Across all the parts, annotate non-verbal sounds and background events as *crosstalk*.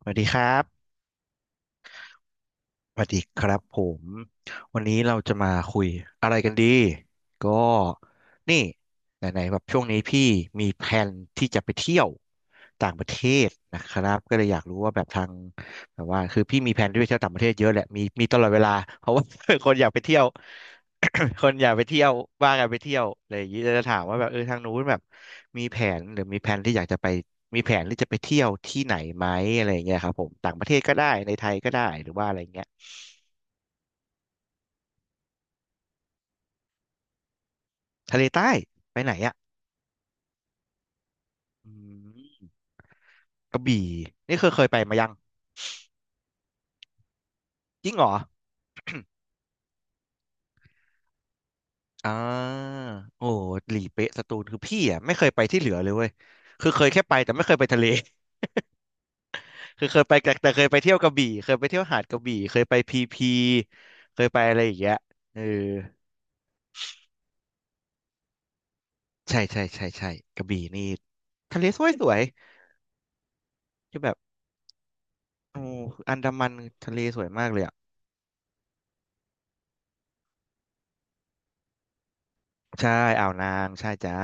สวัสดีครับ สวัสดีครับผมวันนี้เราจะมาคุยอะไรกันดีก็นี่ไหนๆแบบช่วงนี้พี่มีแผนที่จะไปเที่ยวต่างประเทศนะครับก็เลยอยากรู้ว่าแบบทางแบบว่าคือพี่มีแผนที่จะไปเที่ยวต่างประเทศเยอะแหละมีตลอดเวลาเพราะว่า *laughs* คนอยากไปเที่ยว *coughs* คนอยากไปเที่ยวว่ากันไปเที่ยวอะไรอย่างนี้จะถามว่าแบบเออทางนู้นแบบมีแผนหรือมีแผนที่อยากจะไปมีแผนที่จะไปเที่ยวที่ไหนไหมอะไรอย่างเงี้ยครับผมต่างประเทศก็ได้ในไทยก็ได้หรือว่าอะไรเงี้ย ทะเลใต้ไปไหนอ่ะอืมกระบี่นี่เคยไปมายังจริงเหรอ *coughs* อ่าโอ้หลีเป๊ะสตูลคือพี่อ่ะไม่เคยไปที่เหลือเลยเว้ยคือเคยแค่ไปแต่ไม่เคยไปทะเล *laughs* คือเคยไปแต่เคยไปเที่ยวกระบี่เคยไปเที่ยวหาดกระบี่เคยไปพีพีเคยไปอะไรอย่างเงี้ยเออใช่ใช่ใช่ใช่กระบี่นี่ทะเลสวยสวยที่แบบโอ้อันดามันทะเลสวยมากเลยอ่ะใช่อ่าวนางใช่จ้า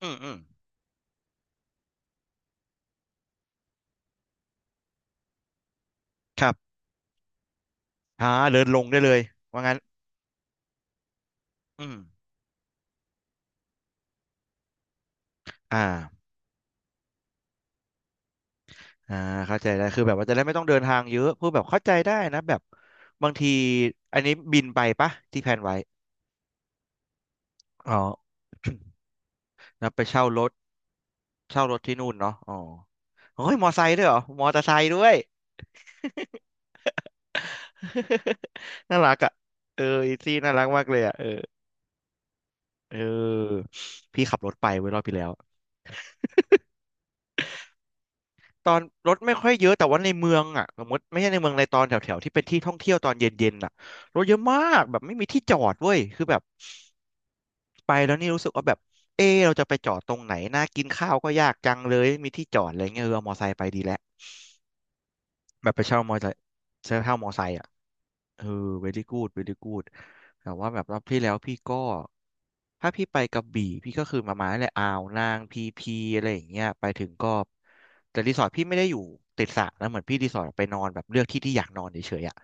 อืมอืมครับอ่าเดินลงได้เลยว่างั้น อืมอ่าอ่าเข้าใจได้คือแบบว่าจะได้ไม่ต้องเดินทางเยอะพูดแบบเข้าใจได้นะแบบบางที อันนี้บินไปปะที่แพลนไว้อ๋อ *coughs* แล้วไปเช่ารถเช่ารถที่นู่นเนาะอ๋อเฮ้ยมอไซค์ด้วยเหรอมอเตอร์ไซค์ด้วย *laughs* น่ารักอ่ะเอออีซี่น่ารักมากเลยอ่ะเออเออพี่ขับรถไปเว้ยรอบที่แล้ว ตอนรถไม่ค่อยเยอะแต่ว่าในเมืองอ่ะสมมติไม่ใช่ในเมืองในตอนแถวๆที่เป็นที่ท่องเที่ยวตอนเย็นๆอ่ะรถเยอะมากแบบไม่มีที่จอดเว้ยคือแบบ ไปแล้วนี่รู้สึกว่าแบบเอะเราจะไปจอดตรงไหน น่ากินข้าวก็ยากจังเลยไม่มีที่จอดอะไรเงี้ยเออเอามอไซค์ไปดีแล้วแบบไปเช่ามอไซค์เช่ามอไซค์อ่ะเออ very good very good แต่ว่าแบบรอบที่แล้วพี่ก็ ถ้าพี่ไปกระบี่พี่ก็คือมาเลยอ่าวนางพีพีอะไรอย่างเงี้ยไปถึงก็ แต่รีสอร์ทพี่ไม่ได้อยู่ติดสระนะเหมือนพี่รีสอร์ทไปนอนแบบเลือกที่ที่อยากนอนเฉยๆอ่ะ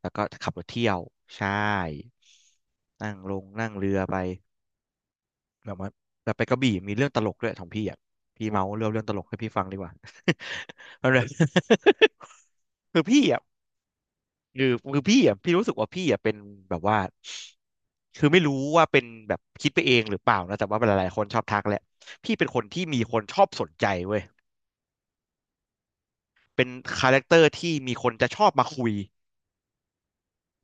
แล้วก็ขับรถเที่ยวใช่นั่งลงนั่งเรือไป แบบว่าแต่ไปกระบี่มีเรื่องตลกด้วยของพี่อ่ะพี่เมาเรื่องตลกให้พี่ฟังดีกว่า *laughs* อะไร *laughs* คือพี่อ่ะคือคือพี่อ่ะพี่รู้สึกว่าพี่อ่ะเป็นแบบว่าคือไม่รู้ว่าเป็นแบบคิดไปเองหรือเปล่านะแต่ว่าหลายๆคนชอบทักแหละพี่เป็นคนที่มีคนชอบสนใจเว้ยเป็นคาแรคเตอร์ที่มีคนจะชอบมาคุย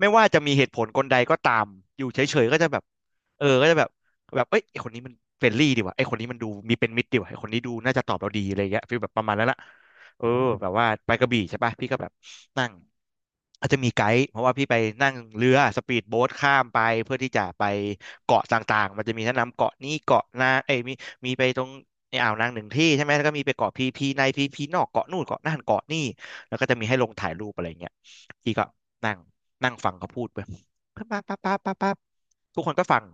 ไม่ว่าจะมีเหตุผลกลใดก็ตามอยู่เฉยๆก็จะแบบเออก็จะแบบแบบเอ้ยไอคนนี้มันเฟรนลี่ดีว่ะไอคนนี้มันดูมีเป็นมิตรดีว่ะไอคนนี้ดูน่าจะตอบเราดีอะไรเงี้ยฟีลแบบประมาณนั้นละเออแบบว่าไปกระบี่ใช่ป่ะพี่ก็แบบนั่งอาจจะมีไกด์เพราะว่าพี่ไปนั่งเรือสปีดโบ๊ทข้ามไปเพื่อที่จะไปเกาะต่างๆมันจะมีแนะนำเกาะนี้เกาะนาเอ้ยมีมีไปตรงในอ่าวนางหนึ่งที่ใช่ไหมแล้วก็มีไปเกาะพีพีในพีพีนอกเกาะนู่นเกาะนั่นเกาะนี่แล้วก็จะมีให้ลงถ่ายรูปอะไรเงี้ยพี่ก็นั่ง นั่งฟังเขาพูดไปปั๊บปั๊บปั๊บปั๊บปั๊บปั๊บทุกคนก็ฟัง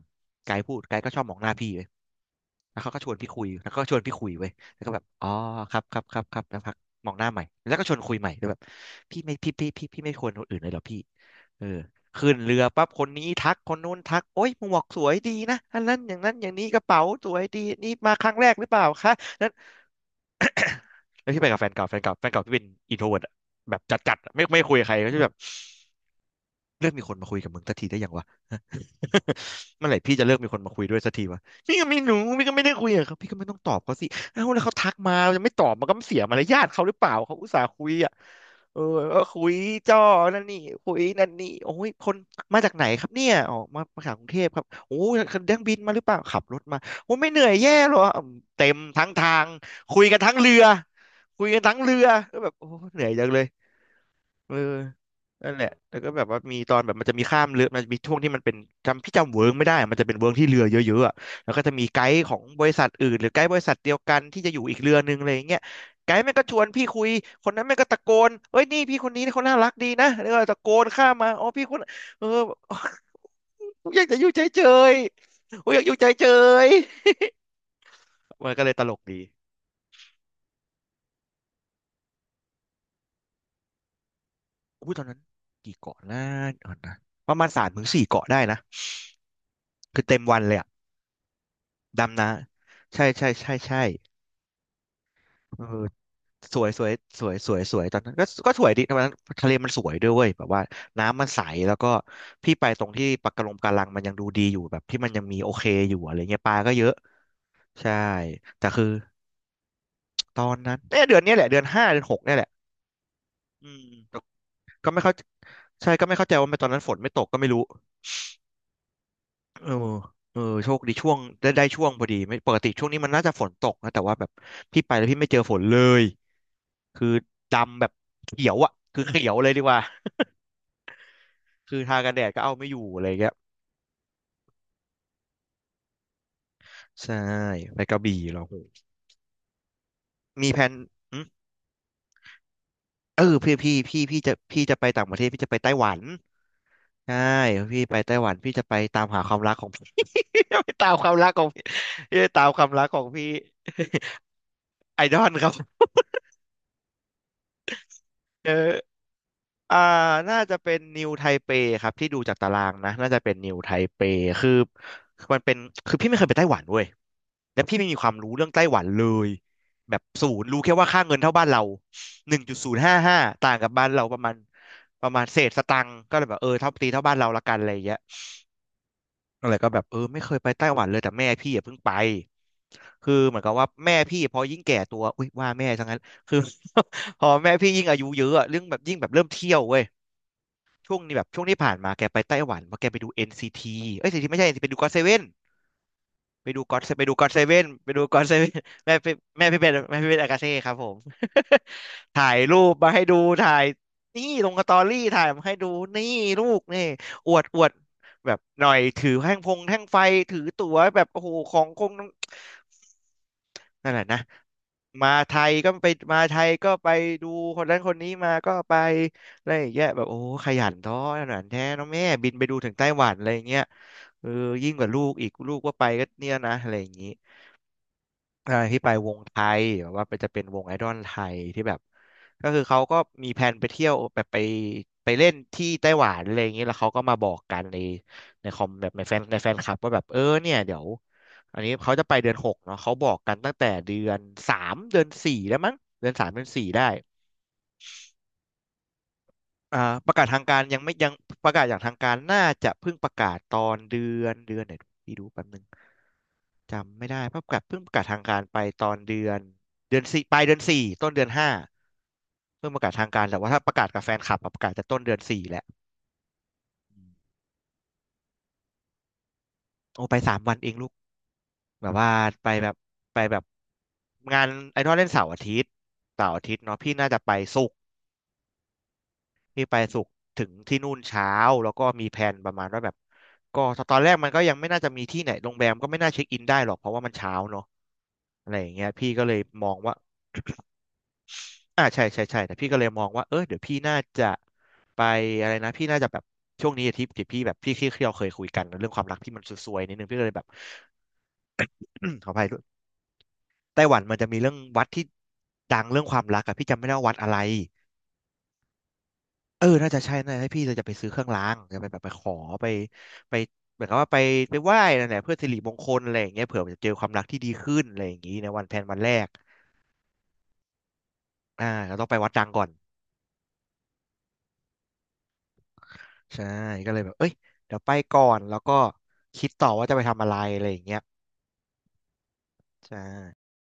ไกด์พูดไกด์ก็ชอบมองหน้าพี่ไปแล้วเขาก็ชวนพี่คุยแล้วก็ชวนพี่คุยไว้ยแล้วก็แบบอ๋อครับครับครับครับแล้วพักมองหน้าใหม่แล้วก็ชวนคุยใหม่แล้วแบบพี่ไม่พี่ไม่ควรคนอื่นเลยเหรอพี่เออขึ้นเรือปั๊บคนนี้ทักคนนู้นทักโอ๊ยหมวกสวยดีนะอันนั้นอย่างนั้นอย่างนี้กระเป๋าสวยดีนี่มาครั้งแรกหรือเปล่าคะนั้นแล้วพี่ไปกับแฟนเก่าแฟนเก่าพี่เป็นอินโทรเวิร์ตแบบจัดจัดไม่คุยกับใครก็จะแบบ เลิกมีคนมาคุยกับมึงสักทีได้ยังวะ *laughs* เมื่อไหร่พี่จะเลิกมีคนมาคุยด้วยสักทีวะพี่ก็ไม่รู้พี่ก็ไม่ได้คุยกับเขาพี่ก็ไม่ต้องตอบเขาสิเอ้าแล้วเขาทักมาจะไม่ตอบมันก็เสียมารยาทเขาหรือเปล่าเขาอุตส่าห์คุยอ่ะเออก็คุยจ้อนั่นนี่คุยนั่นนี่โอ้ยคนมาจากไหนครับเนี่ยอ๋อมาจากกรุงเทพครับโอ้ยเดังบินมาหรือเปล่าขับรถมาโอ้ยไม่เหนื่อยแย่หรออืมเต็มทั้งทางคุยกันทั้งเรือคุยกันทั้งเรือก็แบบโอ้ยเหนื่อยจังเลย เออนั่นแหละแล้วก็แบบว่ามีตอนแบบมันจะมีข้ามเรือมันจะมีช่วงที่มันเป็นจำพี่จำเวิร์กไม่ได้อะมันจะเป็นเวิร์กที่เรือเยอะๆอะแล้วก็จะมีไกด์ของบริษัทอื่นหรือไกด์บริษัทเดียวกันที่จะอยู่อีกเรือนึงอะไรอย่างเงี้ยไกด์แม่งก็ชวนพี่คุยคนนั้นแม่งก็ตะโกนเอ้ยนี่พี่คนนี้เขาน่ารักดีนะแล้วก็ตะโกนข้ามมาอ๋อพี่คนเออ *laughs* กูอยากจะอยู่เฉยๆกูอยากอยู่เฉยๆมันก็เลยตลกดีอุ้ยตอนนั้นกี่เกาะนะเดี๋ยวก่อนนะประมาณสามถึงสี่เกาะได้นะคือเต็มวันเลยอะ ดำนะใช่ใช่ใช่ใช่เออสวยสวยสวยสวยสวยตอนนั้นก็สวยดีตอนนั้นทะเลมันสวยด้วยเวยแบบว่าน้ำมันใสแล้วก็พี่ไปตรงที่ปะการังกะลังมันยังดูดีอยู่แบบที่มันยังมีโอเคอยู่อะไรเงี้ยปลาก็เยอะใช่แต่คือตอนนั้นเนี่ยเดือนเนี้ยแหละเดือนห้าเดือนหกเนี่ยแหละอืมแต่ก็ไม่เข้าใช่ก็ไม่เข้าใจว่าทำไมตอนนั้นฝนไม่ตกก็ไม่รู้เออเออโชคดีช่วงได้ช่วงพอดีไม่ปกติช่วงนี้มันน่าจะฝนตกนะแต่ว่าแบบพี่ไปแล้วพี่ไม่เจอฝนเลย คือดำแบบเขียวอ่ะคือเขียวเลยดีกว่าคือทากันแดดก็เอาไม่อยู่อะไรเงี้ยใช่ไปกระบี่เหรอโหมีแผนอืมเออพี่จะไปต่างประเทศพี่จะไปไต้หวันใช่พี่ไปไต้หวันพี่จะไปตามหาความรักของ *laughs* พี่ *laughs* จะไปตามความรักของพี่พี่จะตามความรักของพี่ *laughs* ไอดอลครับเอออ่าน่าจะเป็นนิวไทเปครับที่ดูจากตารางนะน่าจะเป็นนิวไทเปคือคือมันเป็นคือพี่ไม่เคยไปไต้หวันเว้ย และพี่ไม่มีความรู้เรื่องไต้หวันเลยแบบศูนย์รู้แค่ว่าค่าเงินเท่าบ้านเราหนึ่งจุดศูนย์ห้าห้าต่างกับบ้านเราประมาณประมาณเศษสตังค์ก็เลยแบบเออเท่าตีเท่าบ้านเราละกันอะไรอย่างเงี้ยอะไรก็แบบเออไม่เคยไปไต้หวันเลยแต่แม่พี่อย่าเพิ่งไปคือเหมือนกับว่าแม่พี่พอยิ่งแก่ตัวอุ้ยว่าแม่ทั้งนั้นคือ *laughs* พอแม่พี่ยิ่งอายุเยอะอะเรื่องแบบยิ่งแบบเริ่มเที่ยวเว้ยช่วงนี้แบบช่วงที่ผ่านมาแกไปไต้หวันเพราะแกไปดู NCT เอ้ยเอ็นซีทีไม่ใช่เอ็นซีทีไปดูก็อตเซเว่น ไปดูก็อดไปดูก็อดเซเว่นไปดูก็อดเซเว่น *laughs* แม่พี่แม่พี่เป็นแม่พี่เป็นอากาเซ่ครับผม *laughs* ถ่ายรูปมาให้ดูถ่ายนี่ลงสตอรี่ถ่ายมาให้ดูนี่ลูกนี่อวดแบบหน่อยถือแท่งพงแท่งไฟถือตั๋วแบบโอ้โหของคงนั่นแหละนะมาไทยก็ไปมาไทยก็ไปดูคนนั้นคนนี้มาก็ไปอะไรอย่างเงี้ยแบบโอ้ขยันท้อขยันแท้เน้องแม่บินไปดูถึงไต้หวันอะไรอย่างเงี้ยเออยิ่งกว่าลูกอีกลูกว่าไปก็เนี่ยนะอะไรอย่างงี้ อ่าที่ไปวงไทยแบบว่าไปนจะเป็นวงไอดอลไทยที่แบบก็คือเขาก็มีแผนไปเที่ยวแบบไปเล่นที่ไต้หวันอะไรอย่างเงี้ยแล้วเขาก็มาบอกกันในในคอมแบบในแฟนคลับว่าแบบเออเนี่ยเดี๋ยวอันนี้เขาจะไปเดือนหกเนาะเขาบอกกันตั้งแต่เดือนสามเดือนสี่แล้วมั้งเดือนสามเดือนสี่ได้ อ่าประกาศทางการยังประกาศอย่างทางการน่าจะเพิ่งประกาศตอนเดือนไหนพี่ดูแป๊บนึงจำไม่ได้เพราะประกาศเพิ่งประกาศทางการไปตอนเดือนสี่ปลายเดือนสี่ต้นเดือนห้าเพิ่งประกาศทางการแต่ว่าถ้าประกาศกับแฟนคลับอะประกาศจะต้นเดือนสี่แหละอืมโอ้ไปสามวันเองลูกแบบว่าไปแบบไปแบบงานไอดอลเล่นเสาร์อาทิตย์เสาร์อาทิตย์เนาะพี่น่าจะไปศุ พี่ไปศุกร์ถึงที่นู่นเช้าแล้วก็มีแผนประมาณว่าแบบก็ตอนแรกมันก็ยังไม่น่าจะมีที่ไหนโรงแรมก็ไม่น่าเช็คอินได้หรอกเพราะว่ามันเช้าเนอะอะไรอย่างเงี้ยพี่ก็เลยมองว่าอ่าใช่ใช่ใช่แต่พี่ก็เลยมองว่าเออเดี๋ยวพี่น่าจะไปอะไรนะพี่น่าจะแบบช่วงนี้อาทิตย์ที่พี่แบบพี่ที่เราเคยคุยกันเรื่องความรักที่มันซวยๆนิดนึงพี่ก็เลยแบบ *coughs* *clears throat* ขออภัยด้วยไต้หวันมันจะมีเรื่องวัดที่ดังเรื่องความรักอะพี่จำไม่ได้ว่าวัดอะไร เออน่าจะใช่น่าจะให้พี่เลยจะไปซื้อเครื่องรางจะไปแบบไปขอไปไปเหมือนกับว่าไปไปไหว้นั่นแหละเพื่อสิริมงคลอะไรอย่างเงี้ยเผื่อมันจะเจอความรักที่ดีขึ้นอะไรอย่างงี้ในวันแพนวันแรกอ่าเราต้องไปวัดดังก่อนใช่ก็เลยแบบเอ้ยเดี๋ยวไปก่อนแล้วก็คิดต่อว่าจะไปทำอะไรอะไรอย่างเงี้ยใช่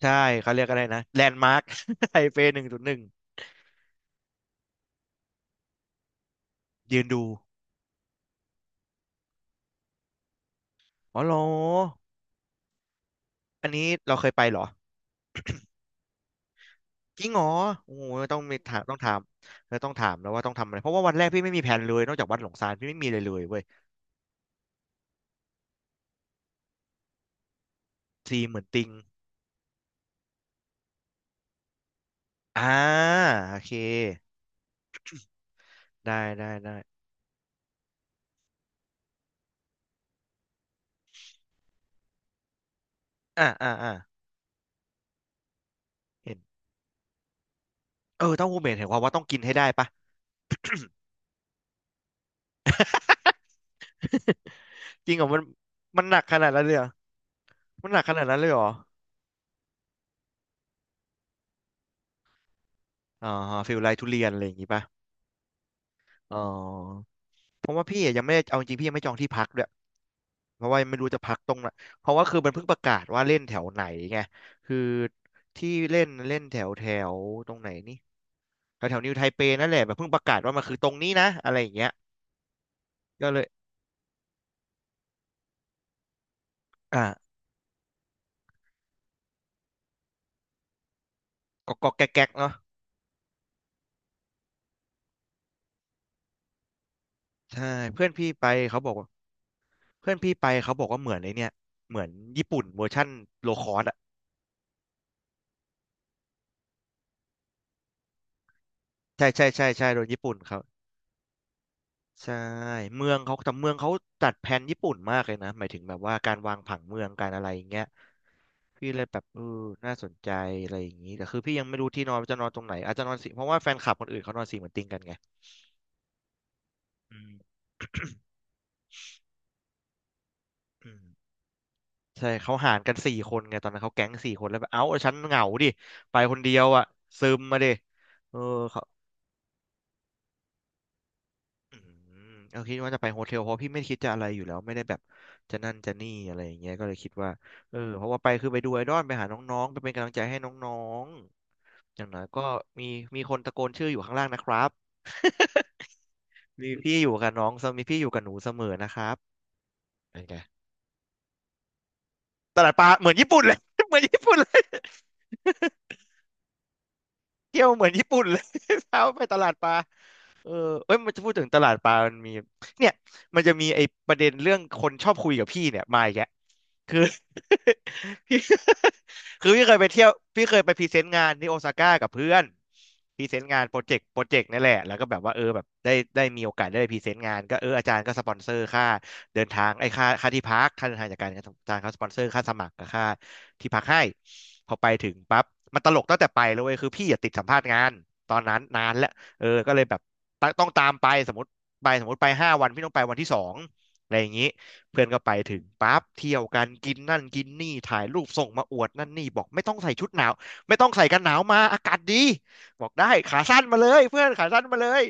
ใช่เขาเรียกอะไรนะแลนด์มาร์ค *laughs* ไทเป *laughs* 1.1ยืนดูอ๋อเหรออันนี้เราเคยไปเหรอ จริงเหรอโอ้โหต้องมีถามต้องถามแล้วต้องถามแล้วว่าต้องทำอะไรเพราะว่าวันแรกพี่ไม่มีแผนเลยนอกจากวัดหลงซานพี่ไม่มีเลยเลยเว้ย ซีเหมือนติงอ่าโอเคได้ได้ได้อ่าอ่าอ่าเห็นเออเต้าหู้เหม็นเห็นความว่าต้องกินให้ได้ปะ *laughs* จริงเหรอมันมันหนักขนาดนั้นเลยเหรอมันหนักขนาดนั้นเลยเหรออ๋อฟิลไลทุเรียนอะไรอย่างงี้ปะอ๋อเพราะว่าพี่อะยังไม่ได้เอาจริงพี่ยังไม่จองที่พักด้วย เพราะว่าไม่รู้จะพักตรงไหนเพราะว่าคือมันเพิ่งประกาศว่าเล่นแถวไหนไงคือที่เล่นเล่นแถวแถวตรงไหนนี่แถวแถวนิวไทเปนั่นแหละแบบเพิ่งประกาศว่ามันคือตรงนี้นะอะไรอย่างเงี้ยก็เลยอ่ะก็แก๊กแก๊กเนาะใช่เพื่อนพี่ไปเขาบอกว่าเพื่อนพี่ไปเขาบอกว่าเหมือนไอ้เนี่ยเหมือนญี่ปุ่นเวอร์ชั่นโลคอสอ่ะใช่ใช่ใช่ใช่โดนญี่ปุ่นเขาใช่เมืองเขาแต่เมืองเขาจัดแผนญี่ปุ่นมากเลยนะหมายถึงแบบว่าการวางผังเมืองการอะไรอย่างเงี้ย พี่เลยแบบเออน่าสนใจอะไรอย่างนี้แต่คือพี่ยังไม่รู้ที่นอนว่าจะนอนตรงไหนอาจจะนอนสี่เพราะว่าแฟนคลับคนอื่นเขานอนสี่เหมือนติงกันไงอืม *coughs* อืมใช่เขาหารกันสี่คนไงตอนนั้นเขาแก๊งสี่คนแล้วแบบเอ้าฉันเหงาดิไปคนเดียวอ่ะซึมมาดิเออเขาอืมเขาคิดว่าจะไปโฮเทลเพราะพี่ไม่คิดจะอะไรอยู่แล้วไม่ได้แบบจะนั่นจะนี่อะไรอย่างเงี้ยก็เลยคิดว่าเออเพราะว่าไปคือไปดูไอดอลไปหาน้องๆไปเป็นกำลังใจให้น้องๆอย่างน้อยก็มีมีคนตะโกนชื่ออยู่ข้างล่างนะครับ มีพี่อยู่กับน้องเสมอมีพี่อยู่กับหนูเสมอนะครับเป็นไงตลาดปลาเหมือนญี่ปุ่นเลย *laughs* เหมือนญี่ปุ่นเลย *laughs* เที่ยวเหมือนญี่ปุ่นเลย *laughs* เช้าไปตลาดปลา เออเอ้ยมันจะพูดถึงตลาดปลามันมีเนี่ยมันจะมีไอ้ประเด็นเรื่องคนชอบคุยกับพี่เนี่ยมาอีกแยะคือ *laughs* พี่ *laughs* คือพี่เคยไปเที่ยวพี่เคยไปพรีเซนต์งานที่โอซาก้ากับเพื่อนพรีเซนต์งานโปรเจกต์โปรเจกต์นั่นแหละแล้วก็แบบว่าเออแบบได้มีโอกาสได้ไปพรีเซนต์งานก็เอออาจารย์ก็สปอนเซอร์ค่าเดินทางไอ้ค่าที่พักค่าเดินทางจากการอาจารย์เขาสปอนเซอร์ค่าสมัครกับค่าที่พักให้พอไปถึงปั๊บมันตลกตั้งแต่ไปเลยเว้ยคือพี่อย่าติดสัมภาษณ์งานตอนนั้นนานแล้ว เออก็เลยแบบต้องตามไปสมมติไป5 วันพี่ต้องไปวันที่สองอะไรอย่างนี้เพื่อนก็ไปถึงปั๊บเที่ยวกันกินนั่นกินนี่ถ่ายรูปส่งมาอวดนั่นนี่บอกไม่ต้องใส่ชุดหนาวไม่ต้องใส่กันหนาวมาอากาศดีบอกได้ขาสั้นมาเลยเพื่อนขาสั้นมาเลย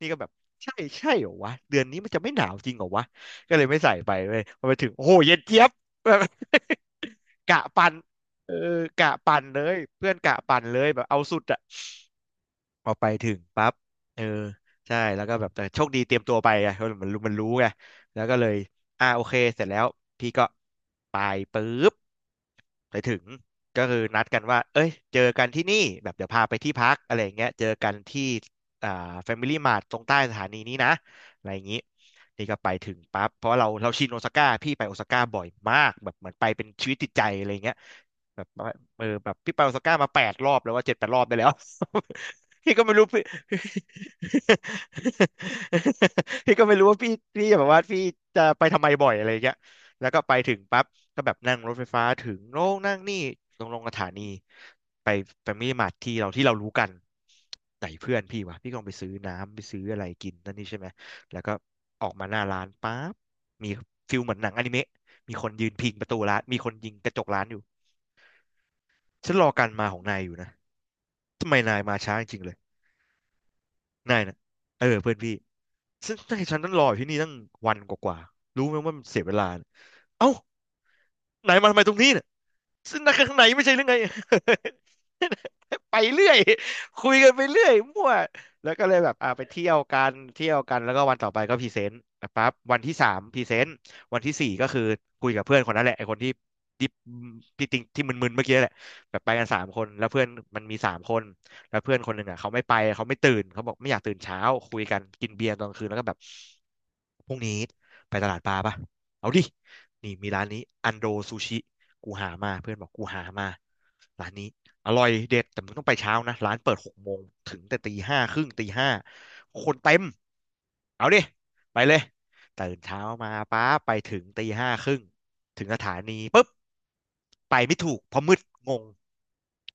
นี่ก็แบบใช่ใช่เหรอวะเดือนนี้มันจะไม่หนาวจริงเหรอวะก็เลยไม่ใส่ไปเลยพอไปถึงโอ้โหเย็นเจี๊ยบ *laughs* แบบ *laughs* กะปั่นเออกะปั่นเลยเพื่อนกะปั่นเลยแบบเอาสุดอะ พอไปถึงปั๊บเออใช่แล้วก็แบบแต่โชคดีเตรียมตัวไปไงเพราะมันรู้ไงแล้วก็เลยอ่าโอเค เสร็จแล้วพี่ก็ไปปุ๊บไปถึงก็คือนัดกันว่าเอ้ยเจอกันที่นี่แบบเดี๋ยวพาไปที่พักอะไรอย่างเงี้ยเจอกันที่อ่า Family Mart ตรงใต้สถานีนี้นะอะไรอย่างงี้นี่ก็ไปถึงปั๊บเพราะว่าเราชินโอซาก้าพี่ไปโอซาก้าบ่อยมากแบบเหมือนไปเป็นชีวิตจิตใจอะไรอย่างเงี้ยแบบว่าเออแบบพี่ไปโอซาก้ามาแปดรอบแล้วว่า7-8 รอบได้แล้ว *laughs* พี่ก็ไม่รู้พี่ *laughs* พี่ก็ไม่รู้ว่าพี่พี่แบบว่าพี่จะไปทำไมบ่อยอะไรอย่างเงี้ยแล้วก็ไปถึงปั๊บก็แบบนั่งรถไฟฟ้าถึงโน่นนั่งนี่ลงลงสถานีไปแฟมิลี่มาร์ทที่เรารู้กันไหนเพื่อนพี่วะพี่ก็ลองไปซื้อน้ำไปซื้ออะไรกินนั่นนี่ใช่ไหมแล้วก็ออกมาหน้าร้านปั๊บมีฟิลเหมือนหนังอนิเมะมีคนยืนพิงประตูร้านมีคนยิงกระจกร้านอยู่ฉันรอการมาของนายอยู่นะทำไมนายมาช้าจริงๆเลย นายนะเออเพื่อนพี่ซึ่งนายฉันนั้องรออยู่ที่นี่ตั้งวันกว่าๆรู้ไหมว่ามันเสียเวลาเนี่ยเอ้านายมาทำไมตรงนี้เนี่ยซึ่งนั่ข้างในไม่ใช่หรือไง *laughs* ไปเรื่อยคุยกันไปเรื่อยมั่วแล้วก็เลยแบบอ่าไปเที่ยวกันเที่ยวกันแล้วก็วันต่อไปก็พรีเซนต์อ่ะปั๊บวันที่ 3พรีเซนต์วันที่ 4ก็คือคุยกับเพื่อนคนนั้นแหละไอ้คนที่ที่ติงที่มึนๆเมื่อกี้แหละแบบไปกันสามคนแล้วเพื่อนมันมีสามคน แล้วเพื่อนคนหนึ่งอ่ะเขาไม่ไปเขาไม่ตื่นเขาบอกไม่อยากตื่นเช้าคุยกันกินเบียร์ตอนกลางคืนแล้วก็แบบพรุ่งนี้ไปตลาดปลาปะเอาดินี่มีร้านนี้อันโดซูชิกูหามาเพื่อนบอกกูหามาร้านนี้อร่อยเด็ดแต่มึงต้องไปเช้านะร้านเปิดหกโมงถึงแต่ตีห้าครึ่งตีห้าคนเต็มเอาดิไปเลยตื่นเช้ามาป้าไปถึงตีห้าครึ่งถึงสถานี ไปไม่ถูกเพราะมืดงง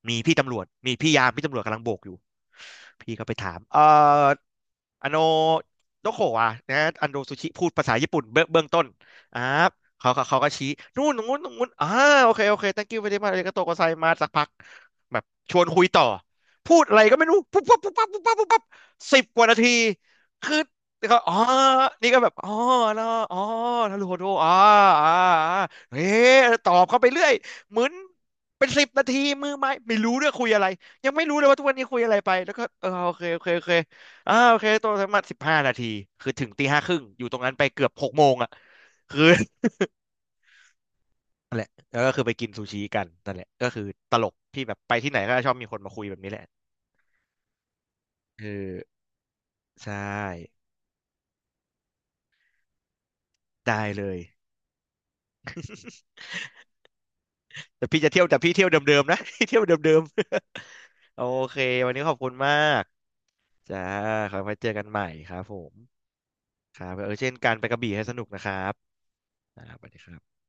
มีพี่ตำรวจมีพี่ยามพี่ตำรวจกำลังโบกอยู่พี่ก็ไปถามอันโนโดโคะอะนะอันโดซูชิพูดภาษาญี่ปุ่นเบื้องต้นอ่าเขาก็ชี้นู่นตรงนู้นตรงนู้นอ่าโอเคโอเค thank you very much อาริกาโตโกไซมาสักพักแบบชวนคุยต่อพูดอะไรก็ไม่รู้ปุ๊บปั๊บปุ๊บปั๊บปุ๊บปั๊บปุ๊บปั๊บ10 กว่านาทีคือเขาอ๋อนี่ก็แบบอ๋อเนาะอ๋อทารุโฮโดอ่าอ่าอ่าเฮ้ตอบเข้าไปเรื่อย หมุนเป็น10 นาทีมือไม้ไม่รู้ด้วยคุยอะไรยังไม่รู้เลยว่าทุกวันนี้คุยอะไรไปแล้วก็เออโอเคโอเคโอเคอ่าโอเคตัวสมัคร15 นาทีคือถึงตีห้าครึ่งอยู่ตรงนั้นไปเกือบหกโมงอ่ะคือ *laughs* นั่นแหละแล้วก็คือไปกินซูชิกันนั่นแหละก็คือตลกที่แบบไปที่ไหนก็ชอบมีคนมาคุยแบบนี้แหละเออใช่ได้เลยแต่พี่จะเที่ยวแต่พี่เที่ยวเดิมๆนะ *laughs* พี่เที่ยวเดิมๆ *laughs* โอเควันนี้ขอบคุณมากจ้าขอไว้เจอกันใหม่ครับผมครับเออเช่นการไปกระบี่ให้สนุกนะครับ นะครับสวัสดีครับ